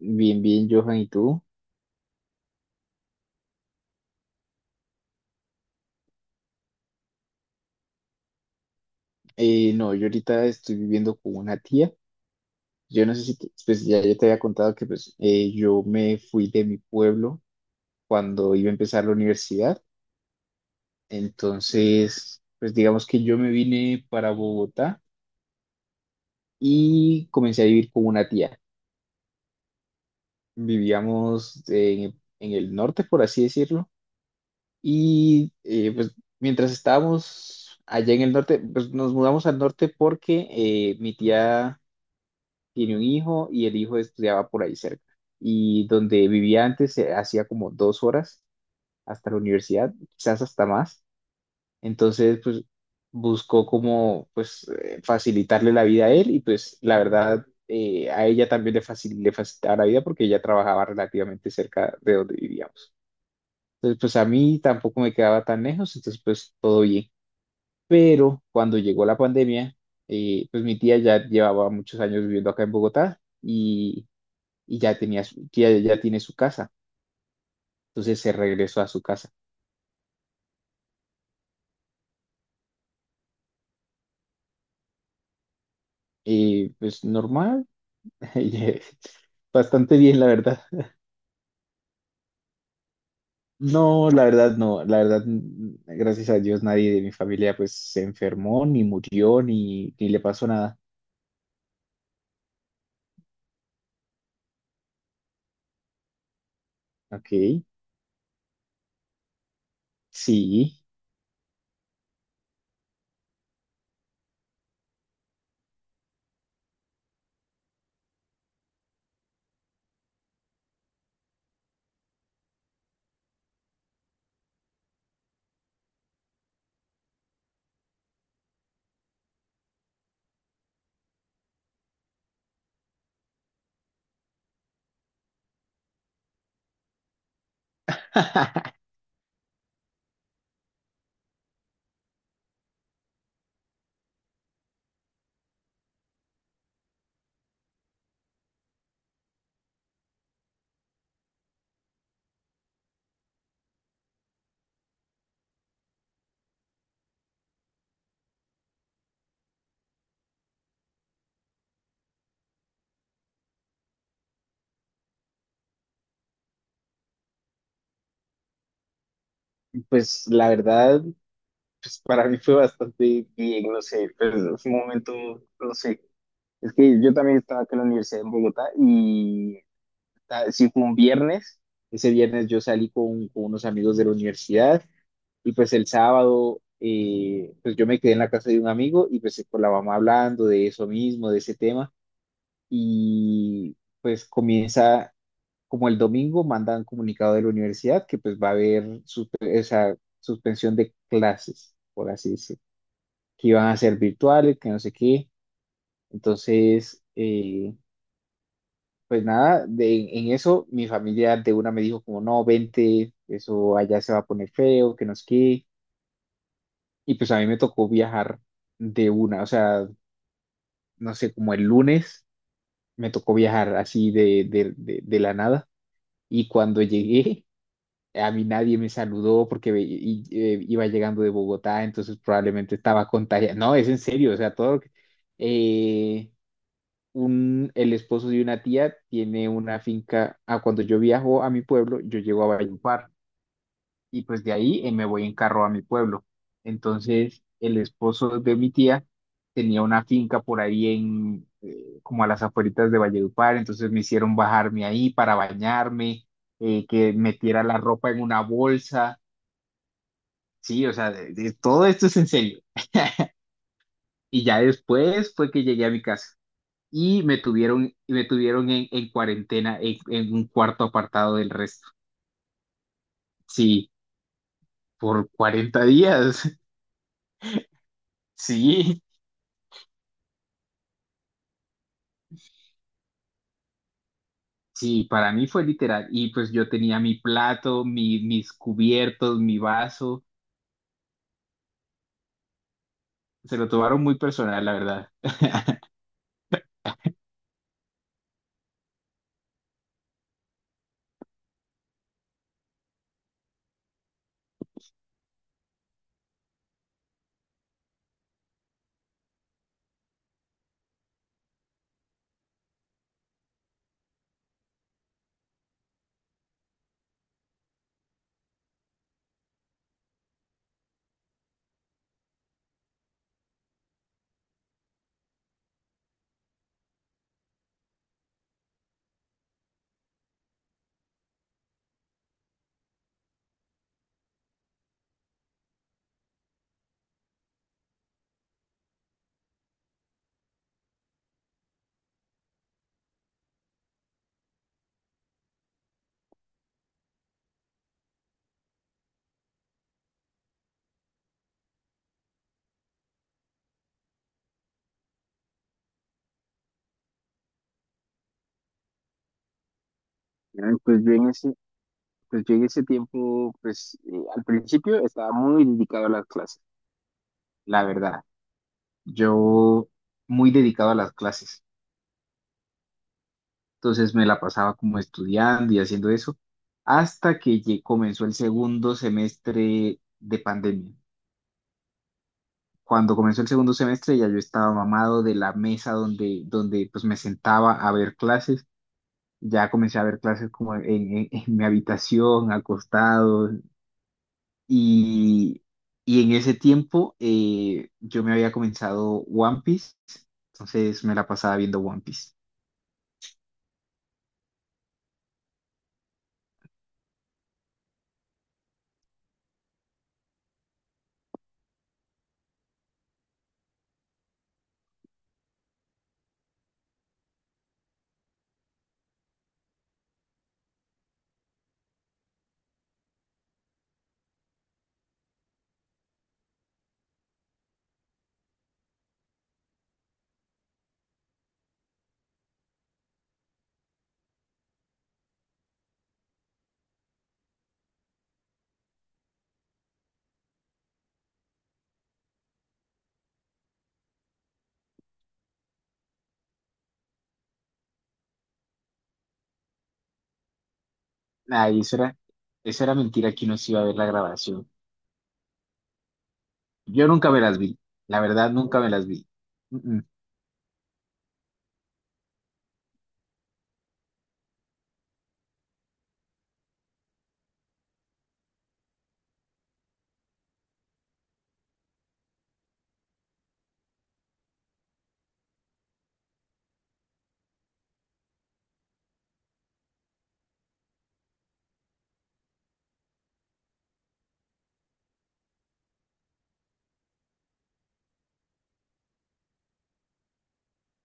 Bien, bien, Johan, ¿y tú? No, yo ahorita estoy viviendo con una tía. Yo no sé si, pues ya yo te había contado que yo me fui de mi pueblo cuando iba a empezar la universidad. Entonces, pues digamos que yo me vine para Bogotá y comencé a vivir con una tía. Vivíamos en el norte, por así decirlo. Y pues mientras estábamos allá en el norte, pues nos mudamos al norte porque mi tía tiene un hijo y el hijo estudiaba por ahí cerca. Y donde vivía antes se hacía como 2 horas hasta la universidad, quizás hasta más. Entonces, pues buscó como facilitarle la vida a él y pues la verdad a ella también le facilitaba la vida porque ella trabajaba relativamente cerca de donde vivíamos. Entonces, pues a mí tampoco me quedaba tan lejos, entonces pues todo bien. Pero cuando llegó la pandemia, pues mi tía ya llevaba muchos años viviendo acá en Bogotá y ya, ya tiene su casa. Entonces se regresó a su casa. Y pues normal, y, bastante bien, la verdad. No, la verdad no, la verdad, gracias a Dios nadie de mi familia pues se enfermó, ni murió, ni le pasó nada. Ok, sí. Pues la verdad, pues para mí fue bastante bien, no sé, pero fue un momento, no sé. Es que yo también estaba acá en la universidad en Bogotá y ah, sí fue un viernes, ese viernes yo salí con unos amigos de la universidad y pues el sábado pues yo me quedé en la casa de un amigo y pues con la mamá hablando de eso mismo, de ese tema y pues comienza como el domingo mandan comunicado de la universidad que pues va a haber suspensión de clases, por así decirlo, que iban a ser virtuales, que no sé qué. Entonces, pues nada, de, en eso mi familia de una me dijo como, no, vente, eso allá se va a poner feo, que nos quede. Y pues a mí me tocó viajar de una, o sea, no sé, como el lunes me tocó viajar así de la nada. Y cuando llegué, a mí nadie me saludó porque iba llegando de Bogotá, entonces probablemente estaba contagiado. No, es en serio, o sea, todo lo que eh, el esposo de una tía tiene una finca. Ah, cuando yo viajo a mi pueblo, yo llego a Valledupar y pues de ahí me voy en carro a mi pueblo. Entonces, el esposo de mi tía tenía una finca por ahí como a las afueritas de Valledupar, entonces me hicieron bajarme ahí para bañarme, que metiera la ropa en una bolsa. Sí, o sea, todo esto es en serio. Y ya después fue que llegué a mi casa. Y me tuvieron, y me tuvieron en cuarentena en un cuarto apartado del resto. Sí, por 40 días. Sí, sí, para mí fue literal. Y pues yo tenía mi plato, mis cubiertos, mi vaso. Se lo tomaron muy personal, la verdad. Ay, pues yo en ese tiempo, al principio estaba muy dedicado a las clases, la verdad. Yo muy dedicado a las clases. Entonces me la pasaba como estudiando y haciendo eso hasta que comenzó el segundo semestre de pandemia. Cuando comenzó el segundo semestre ya yo estaba mamado de la mesa donde pues me sentaba a ver clases. Ya comencé a ver clases en mi habitación, acostado. Y, y en ese tiempo yo me había comenzado One Piece, entonces me la pasaba viendo One Piece. Ay, eso era mentira que uno se iba a ver la grabación. Yo nunca me las vi, la verdad nunca me las vi. Mm, mm.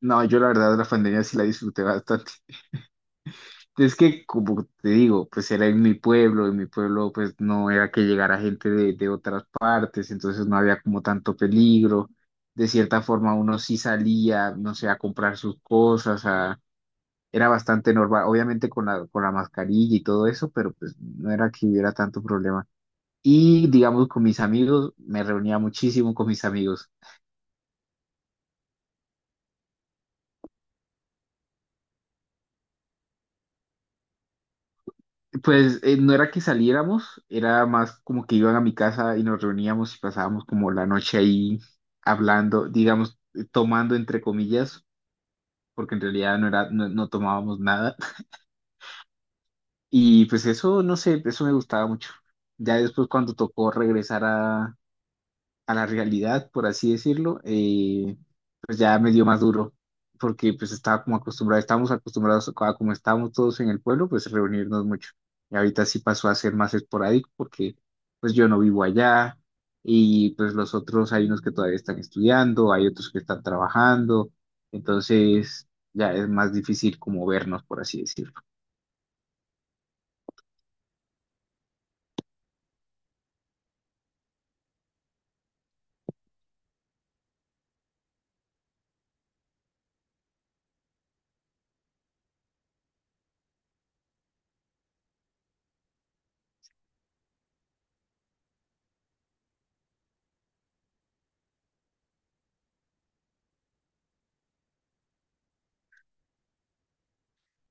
No, yo la verdad la pandemia sí la disfruté bastante. Es que, como te digo, pues era en mi pueblo pues no era que llegara gente de otras partes, entonces no había como tanto peligro. De cierta forma uno sí salía, no sé, a comprar sus cosas, a era bastante normal, obviamente con la mascarilla y todo eso, pero pues no era que hubiera tanto problema. Y digamos, con mis amigos, me reunía muchísimo con mis amigos. Pues no era que saliéramos, era más como que iban a mi casa y nos reuníamos y pasábamos como la noche ahí hablando, digamos, tomando entre comillas, porque en realidad no era, no tomábamos nada. Y pues eso, no sé, eso me gustaba mucho. Ya después cuando tocó regresar a la realidad, por así decirlo, pues ya me dio más duro, porque pues estaba como acostumbrado, estábamos acostumbrados a como estábamos todos en el pueblo, pues reunirnos mucho. Y ahorita sí pasó a ser más esporádico porque pues yo no vivo allá y pues los otros hay unos que todavía están estudiando, hay otros que están trabajando, entonces ya es más difícil como vernos, por así decirlo.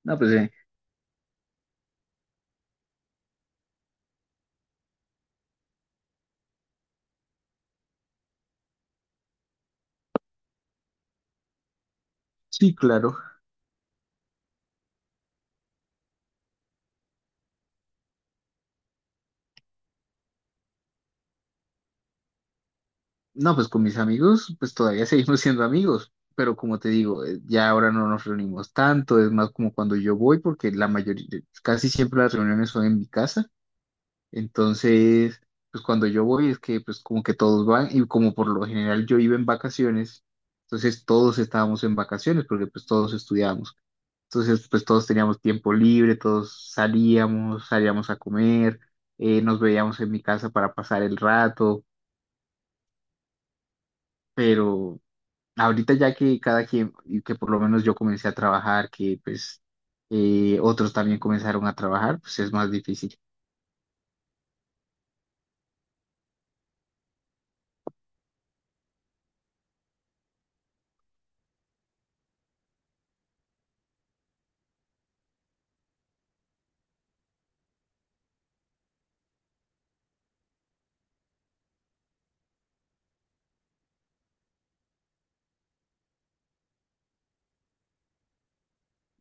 No, pues sí, claro. No, pues con mis amigos, pues todavía seguimos siendo amigos, pero como te digo, ya ahora no nos reunimos tanto, es más como cuando yo voy, porque la mayoría, casi siempre las reuniones son en mi casa, entonces, pues cuando yo voy es que pues como que todos van y como por lo general yo iba en vacaciones, entonces todos estábamos en vacaciones porque pues todos estudiábamos, entonces pues todos teníamos tiempo libre, todos salíamos, salíamos a comer, nos veíamos en mi casa para pasar el rato, pero ahorita ya que cada quien, y que por lo menos yo comencé a trabajar, que pues otros también comenzaron a trabajar, pues es más difícil.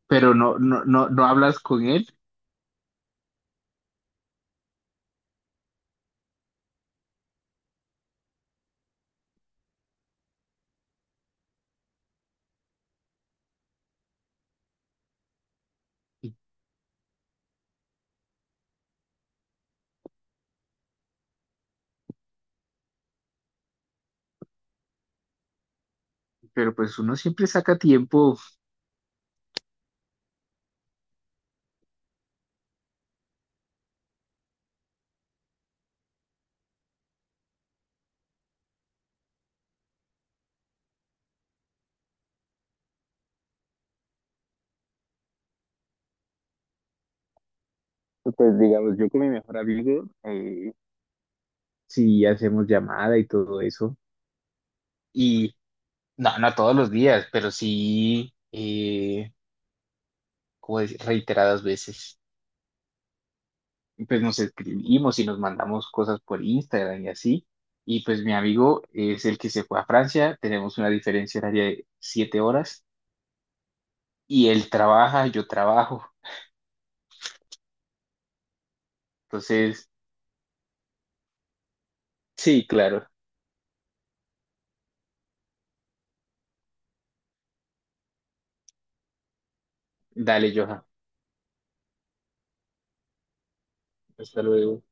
Pero no, no hablas con él, y- pero pues uno siempre saca tiempo. Pues digamos, yo con mi mejor amigo, si hacemos llamada y todo eso. Y no, no todos los días, pero sí, como decir, reiteradas veces. Pues nos escribimos y nos mandamos cosas por Instagram y así. Y pues mi amigo es el que se fue a Francia, tenemos una diferencia horaria de 7 horas y él trabaja, yo trabajo. Entonces, sí, claro, dale, Johan, hasta luego.